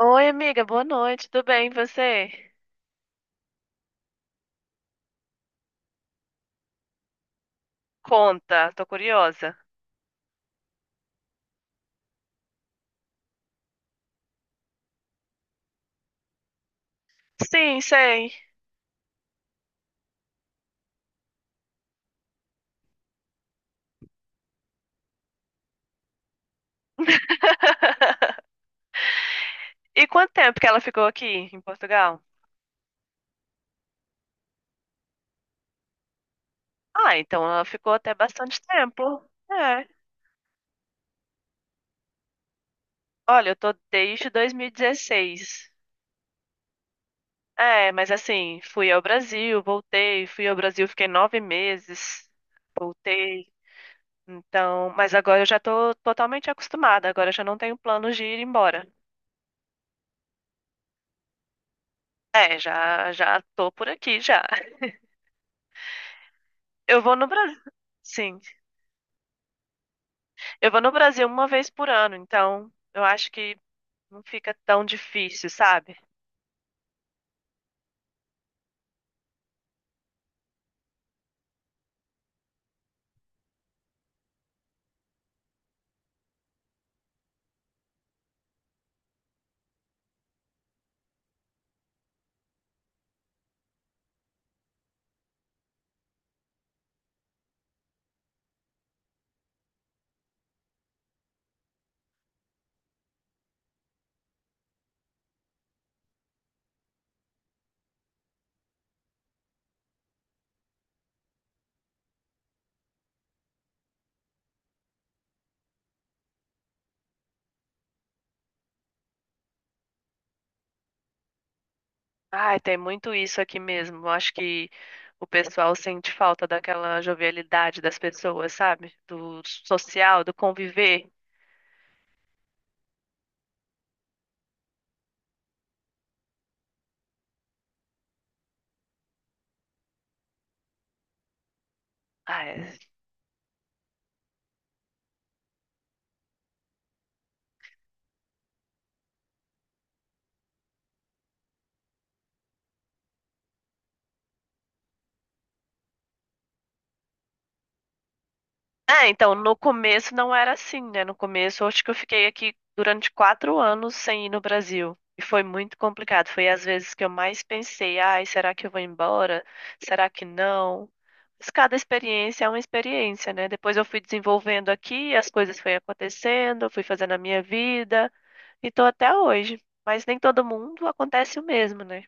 Oi, amiga, boa noite, tudo bem? E você? Conta, tô curiosa. Sim, sei. E quanto tempo que ela ficou aqui em Portugal? Ah, então ela ficou até bastante tempo. É. Olha, eu tô desde 2016. É, mas assim, fui ao Brasil, voltei, fui ao Brasil, fiquei 9 meses, voltei. Então, mas agora eu já tô totalmente acostumada, agora eu já não tenho planos de ir embora. É, já já tô por aqui já. Eu vou no Brasil. Sim. Eu vou no Brasil uma vez por ano, então eu acho que não fica tão difícil, sabe? Ai, tem muito isso aqui mesmo. Eu acho que o pessoal sente falta daquela jovialidade das pessoas, sabe? Do social, do conviver. Ai, é, então, no começo não era assim, né? No começo, eu acho que eu fiquei aqui durante 4 anos sem ir no Brasil. E foi muito complicado. Foi às vezes que eu mais pensei, ai, será que eu vou embora? Será que não? Mas cada experiência é uma experiência, né? Depois eu fui desenvolvendo aqui, as coisas foram acontecendo, eu fui fazendo a minha vida e tô até hoje. Mas nem todo mundo acontece o mesmo, né?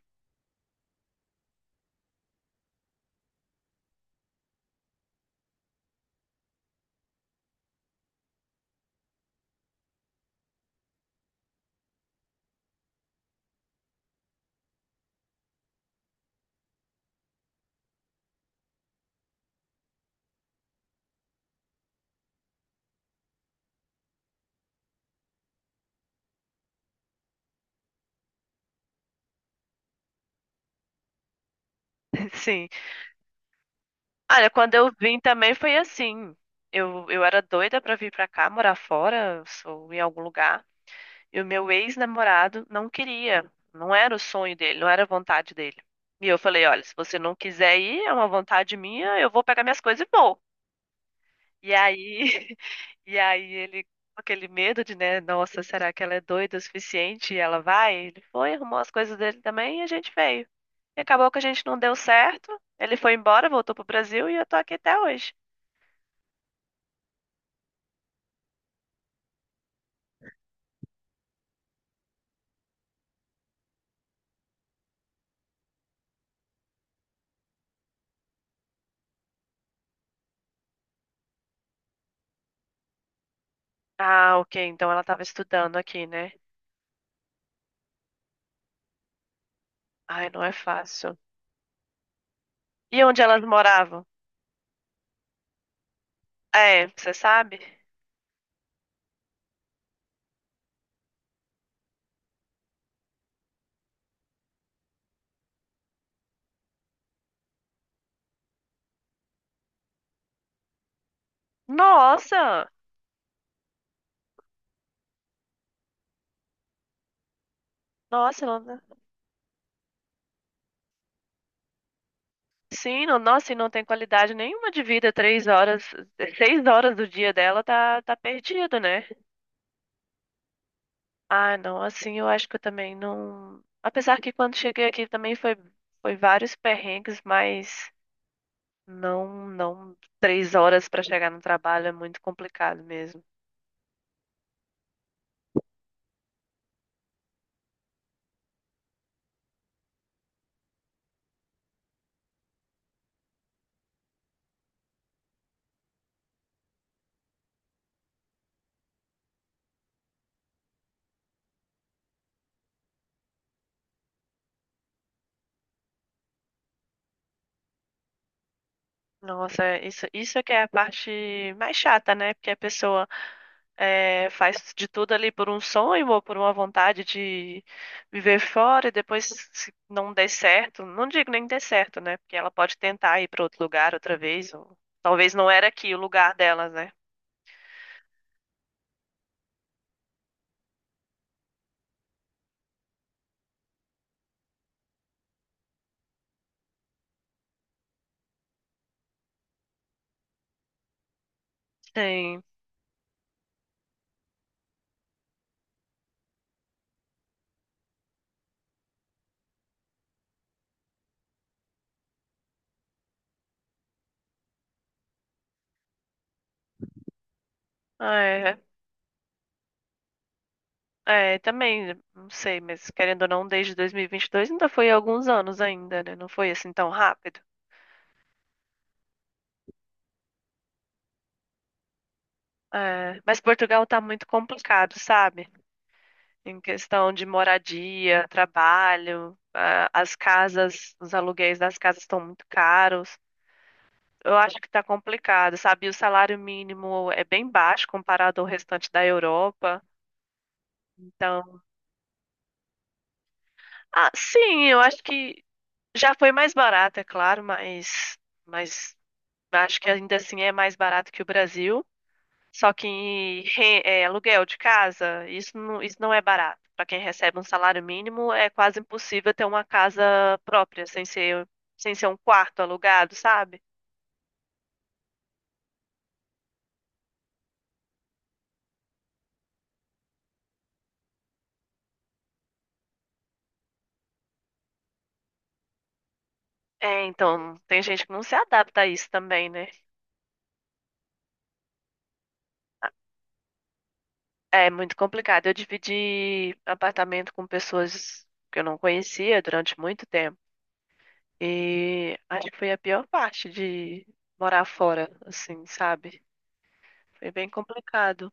Sim. Olha, quando eu vim também foi assim. Eu era doida pra vir pra cá, morar fora, ou em algum lugar. E o meu ex-namorado não queria. Não era o sonho dele, não era a vontade dele. E eu falei, olha, se você não quiser ir, é uma vontade minha, eu vou pegar minhas coisas e vou. E aí, e aí ele, com aquele medo de, né, nossa, será que ela é doida o suficiente e ela vai? Ele foi, arrumou as coisas dele também e a gente veio. E acabou que a gente não deu certo. Ele foi embora, voltou pro Brasil e eu tô aqui até hoje. Ah, ok. Então ela estava estudando aqui, né? Ai, não é fácil. E onde elas moravam? É, você sabe? Nossa! Nossa, não... sim, não... nossa, e não tem qualidade nenhuma de vida. 3 horas, 6 horas do dia dela tá, tá perdido, né? Ah, não, assim eu acho que eu também não. Apesar que quando cheguei aqui também foi vários perrengues, mas não, não, 3 horas para chegar no trabalho é muito complicado mesmo. Nossa, é, isso é que é a parte mais chata, né? Porque a pessoa faz de tudo ali por um sonho ou por uma vontade de viver fora e depois se não der certo, não digo nem der certo, né? Porque ela pode tentar ir para outro lugar outra vez, ou talvez não era aqui o lugar delas, né? Sim. É, também, não sei, mas querendo ou não, desde 2022 ainda foi alguns anos ainda, né? Não foi assim tão rápido. É, mas Portugal tá muito complicado, sabe? Em questão de moradia, trabalho, ah, as casas, os aluguéis das casas estão muito caros. Eu acho que está complicado, sabe? O salário mínimo é bem baixo comparado ao restante da Europa. Então, ah, sim, eu acho que já foi mais barato, é claro, mas acho que ainda assim é mais barato que o Brasil. Só que é, aluguel de casa, isso não, isso não é barato. Para quem recebe um salário mínimo, é quase impossível ter uma casa própria, sem ser um quarto alugado, sabe? É, então, tem gente que não se adapta a isso também, né? É muito complicado. Eu dividi apartamento com pessoas que eu não conhecia durante muito tempo. E acho que foi a pior parte de morar fora, assim, sabe? Foi bem complicado.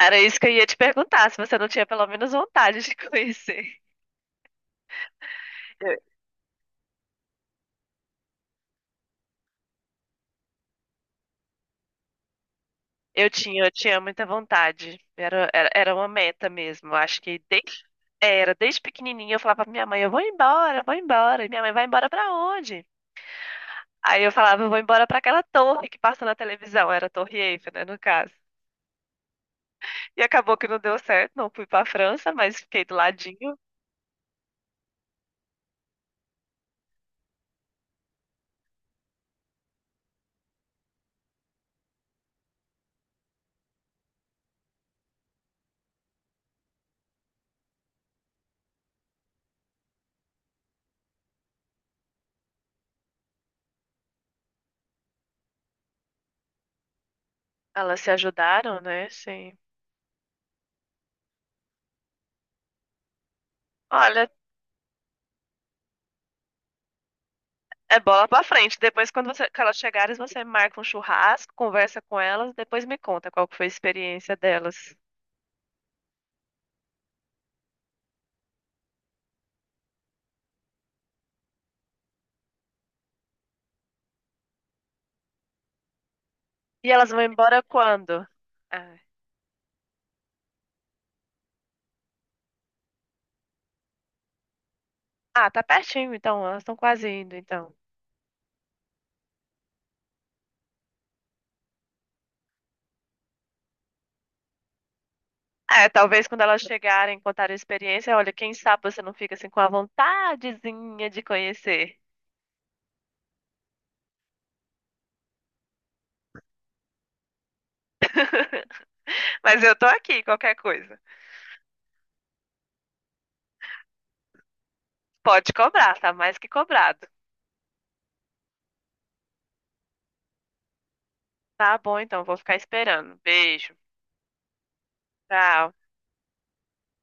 Era isso que eu ia te perguntar, se você não tinha pelo menos vontade de conhecer. Eu, eu tinha muita vontade. Era uma meta mesmo. Eu acho que desde pequenininha eu falava pra minha mãe, eu vou embora, eu vou embora. E minha mãe, vai embora pra onde? Aí eu falava, eu vou embora pra aquela torre que passa na televisão. Era a Torre Eiffel, né, no caso. E acabou que não deu certo, não fui pra França, mas fiquei do ladinho. Elas se ajudaram, né? Sim. Olha, é bola pra frente. Depois, quando você- que elas chegarem, você marca um churrasco, conversa com elas, depois me conta qual que foi a experiência delas. E elas vão embora quando? Ah, ah, tá pertinho, então. Elas estão quase indo, então. É, talvez quando elas chegarem, contarem a experiência, olha, quem sabe você não fica assim com a vontadezinha de conhecer. Mas eu tô aqui, qualquer coisa. Pode cobrar, tá mais que cobrado. Tá bom, então, vou ficar esperando. Beijo. Tchau.